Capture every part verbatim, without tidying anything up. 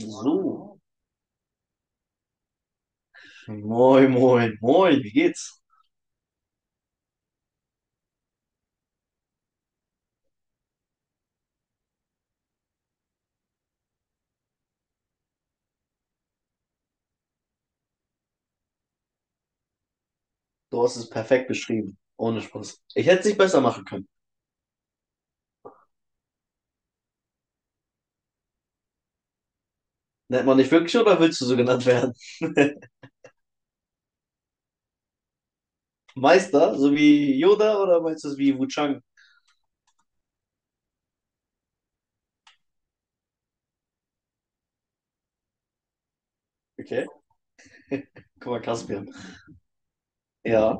So, moin, moin, moin, wie geht's? Du hast es perfekt beschrieben, ohne Spaß. Ich hätte es nicht besser machen können. Nennt man dich wirklich oder willst du so genannt werden? Meister, so wie Yoda oder meinst du es wie Wuchang? Okay, guck mal, Caspian. Ja,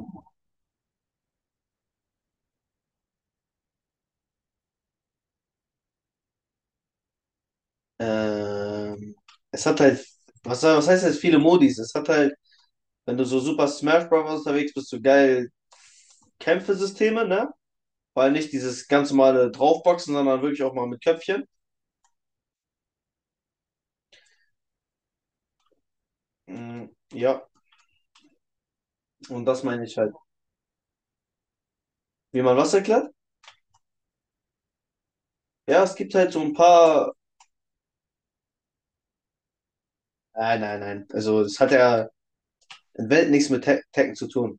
ähm, es hat halt, was, was heißt jetzt viele Modis? Es hat halt, wenn du so Super Smash Bros. Unterwegs bist, so geil Kämpfesysteme, ne? Weil nicht dieses ganz normale Draufboxen, sondern wirklich auch mal mit Köpfchen. Mm, ja, und das meine ich halt. Wie man was erklärt? Ja, es gibt halt so ein paar. Nein, nein, nein. Also, es hat ja in Welt nichts mit Tek Tekken zu tun.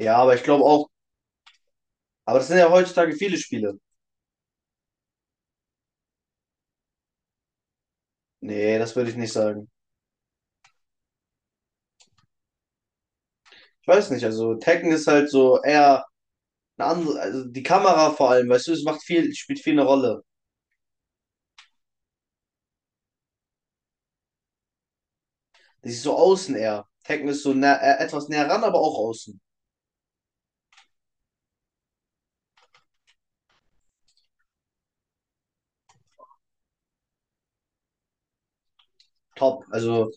Ja, aber ich glaube auch. Aber das sind ja heutzutage viele Spiele. Nee, das würde ich nicht sagen. Ich weiß nicht. Also, Tekken ist halt so eher eine andere. Also, die Kamera vor allem, weißt du, es macht viel, spielt viel eine Rolle. Das ist so außen eher. Tekken ist so nä äh, etwas näher ran, aber auch außen. Top. Also,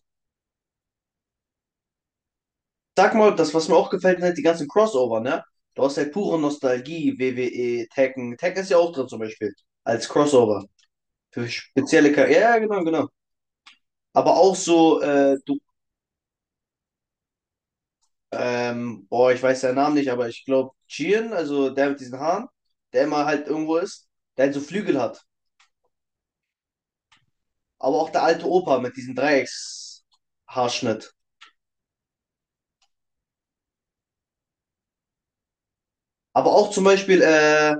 sag mal, das, was mir auch gefällt, sind halt die ganzen Crossover, ne? Du hast halt pure Nostalgie, W W E Tekken. Tekken ist ja auch drin zum Beispiel. Als Crossover. Für spezielle Charaktere. Ja, ja, genau, genau. Aber auch so, äh, du, ähm, boah, ich weiß seinen Namen nicht, aber ich glaube, Chien, also der mit diesen Haaren, der immer halt irgendwo ist, der halt so Flügel hat. Aber auch der alte Opa mit diesem Dreieckshaarschnitt. Aber auch zum Beispiel, äh,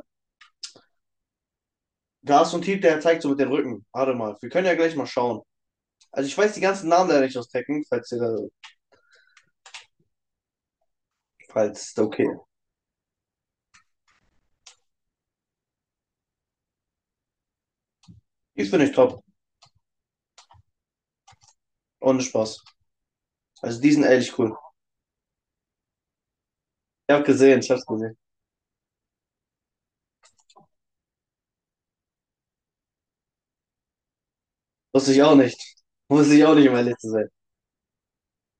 da ist so ein Typ, der zeigt so mit dem Rücken. Warte mal, wir können ja gleich mal schauen. Also ich weiß die ganzen Namen leider nicht aus Tekken, falls ihr da, falls, da okay. Ich finde ich top. Ohne Spaß. Also die sind ehrlich cool. Ich hab gesehen, ich hab's gesehen. Wusste ich auch nicht. Wusste ich auch nicht, um ehrlich zu sein.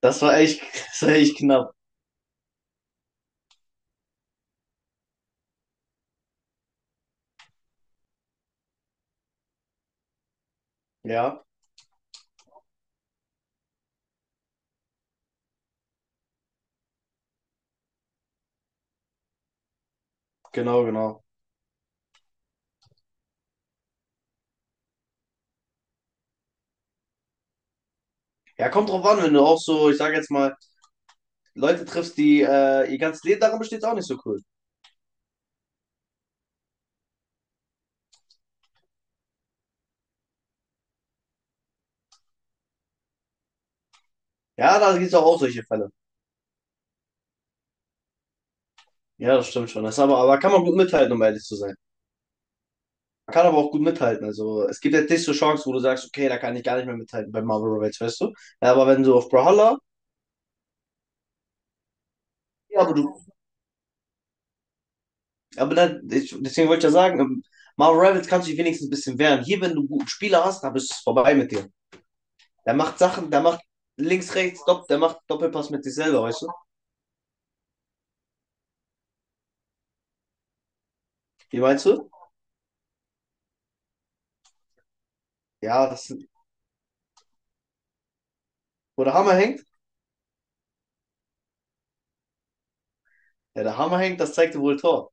Das war echt, das war echt knapp. Ja, genau, genau. Ja, kommt drauf an, wenn du auch so, ich sage jetzt mal, Leute triffst, die äh, ihr ganzes Leben darin besteht, ist auch nicht so cool. Ja, da gibt es auch, auch, solche Fälle. Ja, das stimmt schon. Das aber, aber kann man gut mithalten, um ehrlich zu sein. Man kann aber auch gut mithalten. Also es gibt jetzt nicht so Chancen, wo du sagst, okay, da kann ich gar nicht mehr mithalten bei Marvel Rivals, weißt du? Ja, aber wenn du auf Brawlhalla, ja, aber du, aber dann, ich, deswegen wollte ich ja sagen, im Marvel Rivals kannst du dich wenigstens ein bisschen wehren. Hier, wenn du einen guten Spieler hast, dann bist du vorbei mit dir. Der macht Sachen, der macht links, rechts, dopp, der macht Doppelpass mit sich selber, weißt du? Wie meinst du? Ja, das, wo der Hammer hängt? Ja, der Hammer hängt, das zeigte wohl Tor.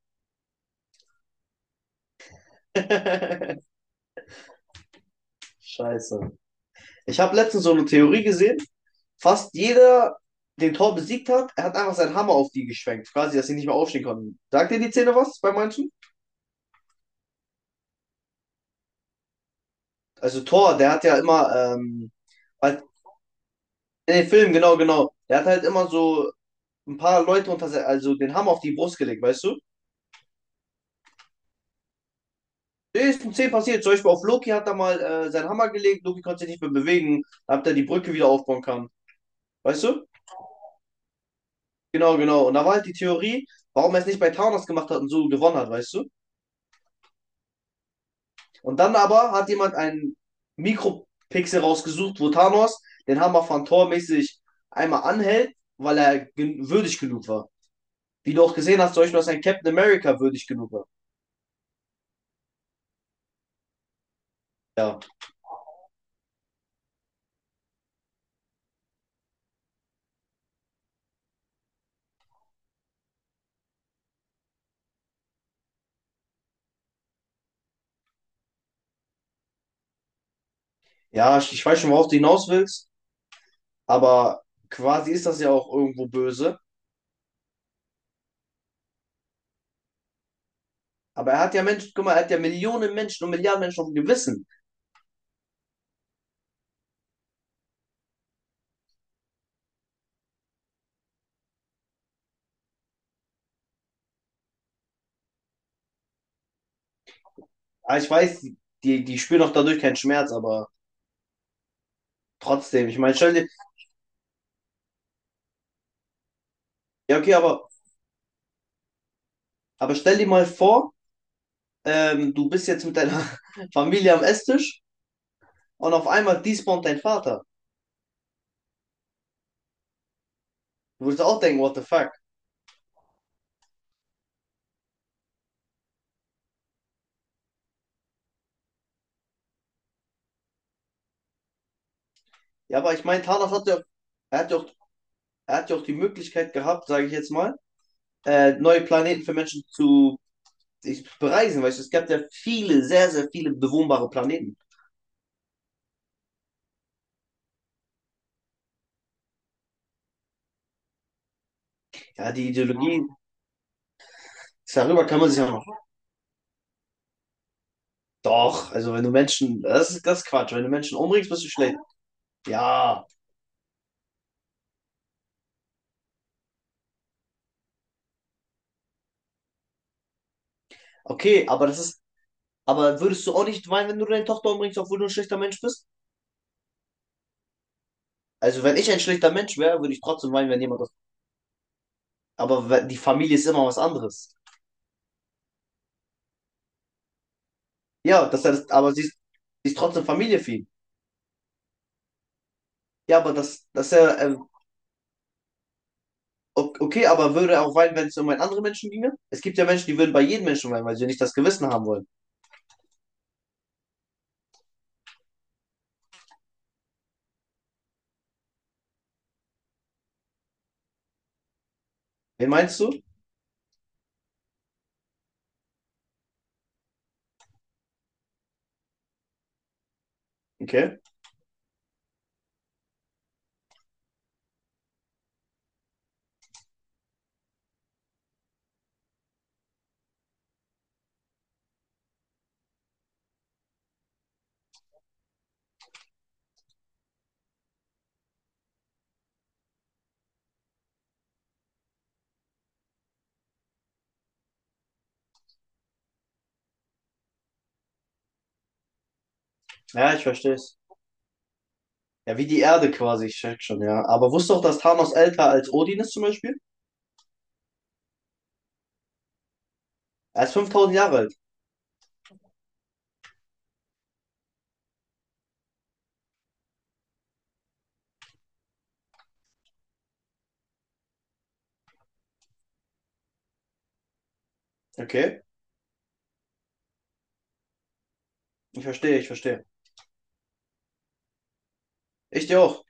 Scheiße. Ich habe letztens so eine Theorie gesehen. Fast jeder, den Tor besiegt hat, er hat einfach seinen Hammer auf die geschwenkt, quasi, dass sie nicht mehr aufstehen konnten. Sagt dir die Szene was bei manchen? Also Tor, der hat ja immer, ähm, halt in den Filmen, genau, genau. Der hat halt immer so ein paar Leute unter, se- also den Hammer auf die Brust gelegt, weißt du? Nee, ist um zehn passiert. Zum Beispiel auf Loki hat er mal äh, seinen Hammer gelegt. Loki konnte sich nicht mehr bewegen. Da hat er die Brücke wieder aufbauen kann, weißt du? Genau, genau. Und da war halt die Theorie, warum er es nicht bei Thanos gemacht hat und so gewonnen hat, weißt du? Und dann aber hat jemand einen Mikropixel rausgesucht, wo Thanos den Hammer von Thor mäßig einmal anhält, weil er gen würdig genug war. Wie du auch gesehen hast, zum Beispiel, dass ein Captain America würdig genug war. Ja, ja ich, ich weiß schon, worauf du hinaus willst, aber quasi ist das ja auch irgendwo böse. Aber er hat ja Menschen, guck mal, er hat ja Millionen Menschen und Milliarden Menschen auf dem Gewissen. Aber ich weiß, die, die spüren auch dadurch keinen Schmerz, aber trotzdem. Ich meine, stell dir, ja, okay, aber, aber stell dir mal vor, ähm, du bist jetzt mit deiner Familie am Esstisch und auf einmal despawnt dein Vater. Du würdest auch denken, what the fuck? Ja, aber ich meine, Thanos hat ja, er hat ja auch, er hat ja auch die Möglichkeit gehabt, sage ich jetzt mal, äh, neue Planeten für Menschen zu ich, bereisen, weißt du, es gab ja viele, sehr, sehr viele bewohnbare Planeten. Ja, die Ideologie, darüber kann man sich ja noch. Doch, also wenn du Menschen, das ist das ist Quatsch, wenn du Menschen umbringst, bist du schlecht. Ja, okay, aber das ist, aber würdest du auch nicht weinen, wenn du deine Tochter umbringst, obwohl du ein schlechter Mensch bist? Also wenn ich ein schlechter Mensch wäre, würde ich trotzdem weinen, wenn jemand das. Aber we- die Familie ist immer was anderes. Ja, das heißt, aber sie ist, sie ist trotzdem Familie für ihn. Ja, aber das, das ist ja ähm, o- okay, aber würde er auch weinen, wenn es um einen anderen Menschen ginge? Es gibt ja Menschen, die würden bei jedem Menschen weinen, weil sie ja nicht das Gewissen haben wollen. Wen meinst du? Okay. Ja, ich verstehe es. Ja, wie die Erde quasi, ich check schon, ja. Aber wusstest du auch, dass Thanos älter als Odin ist zum Beispiel? Er ist fünftausend Jahre alt. Okay. Ich verstehe, ich verstehe. Ich dir auch.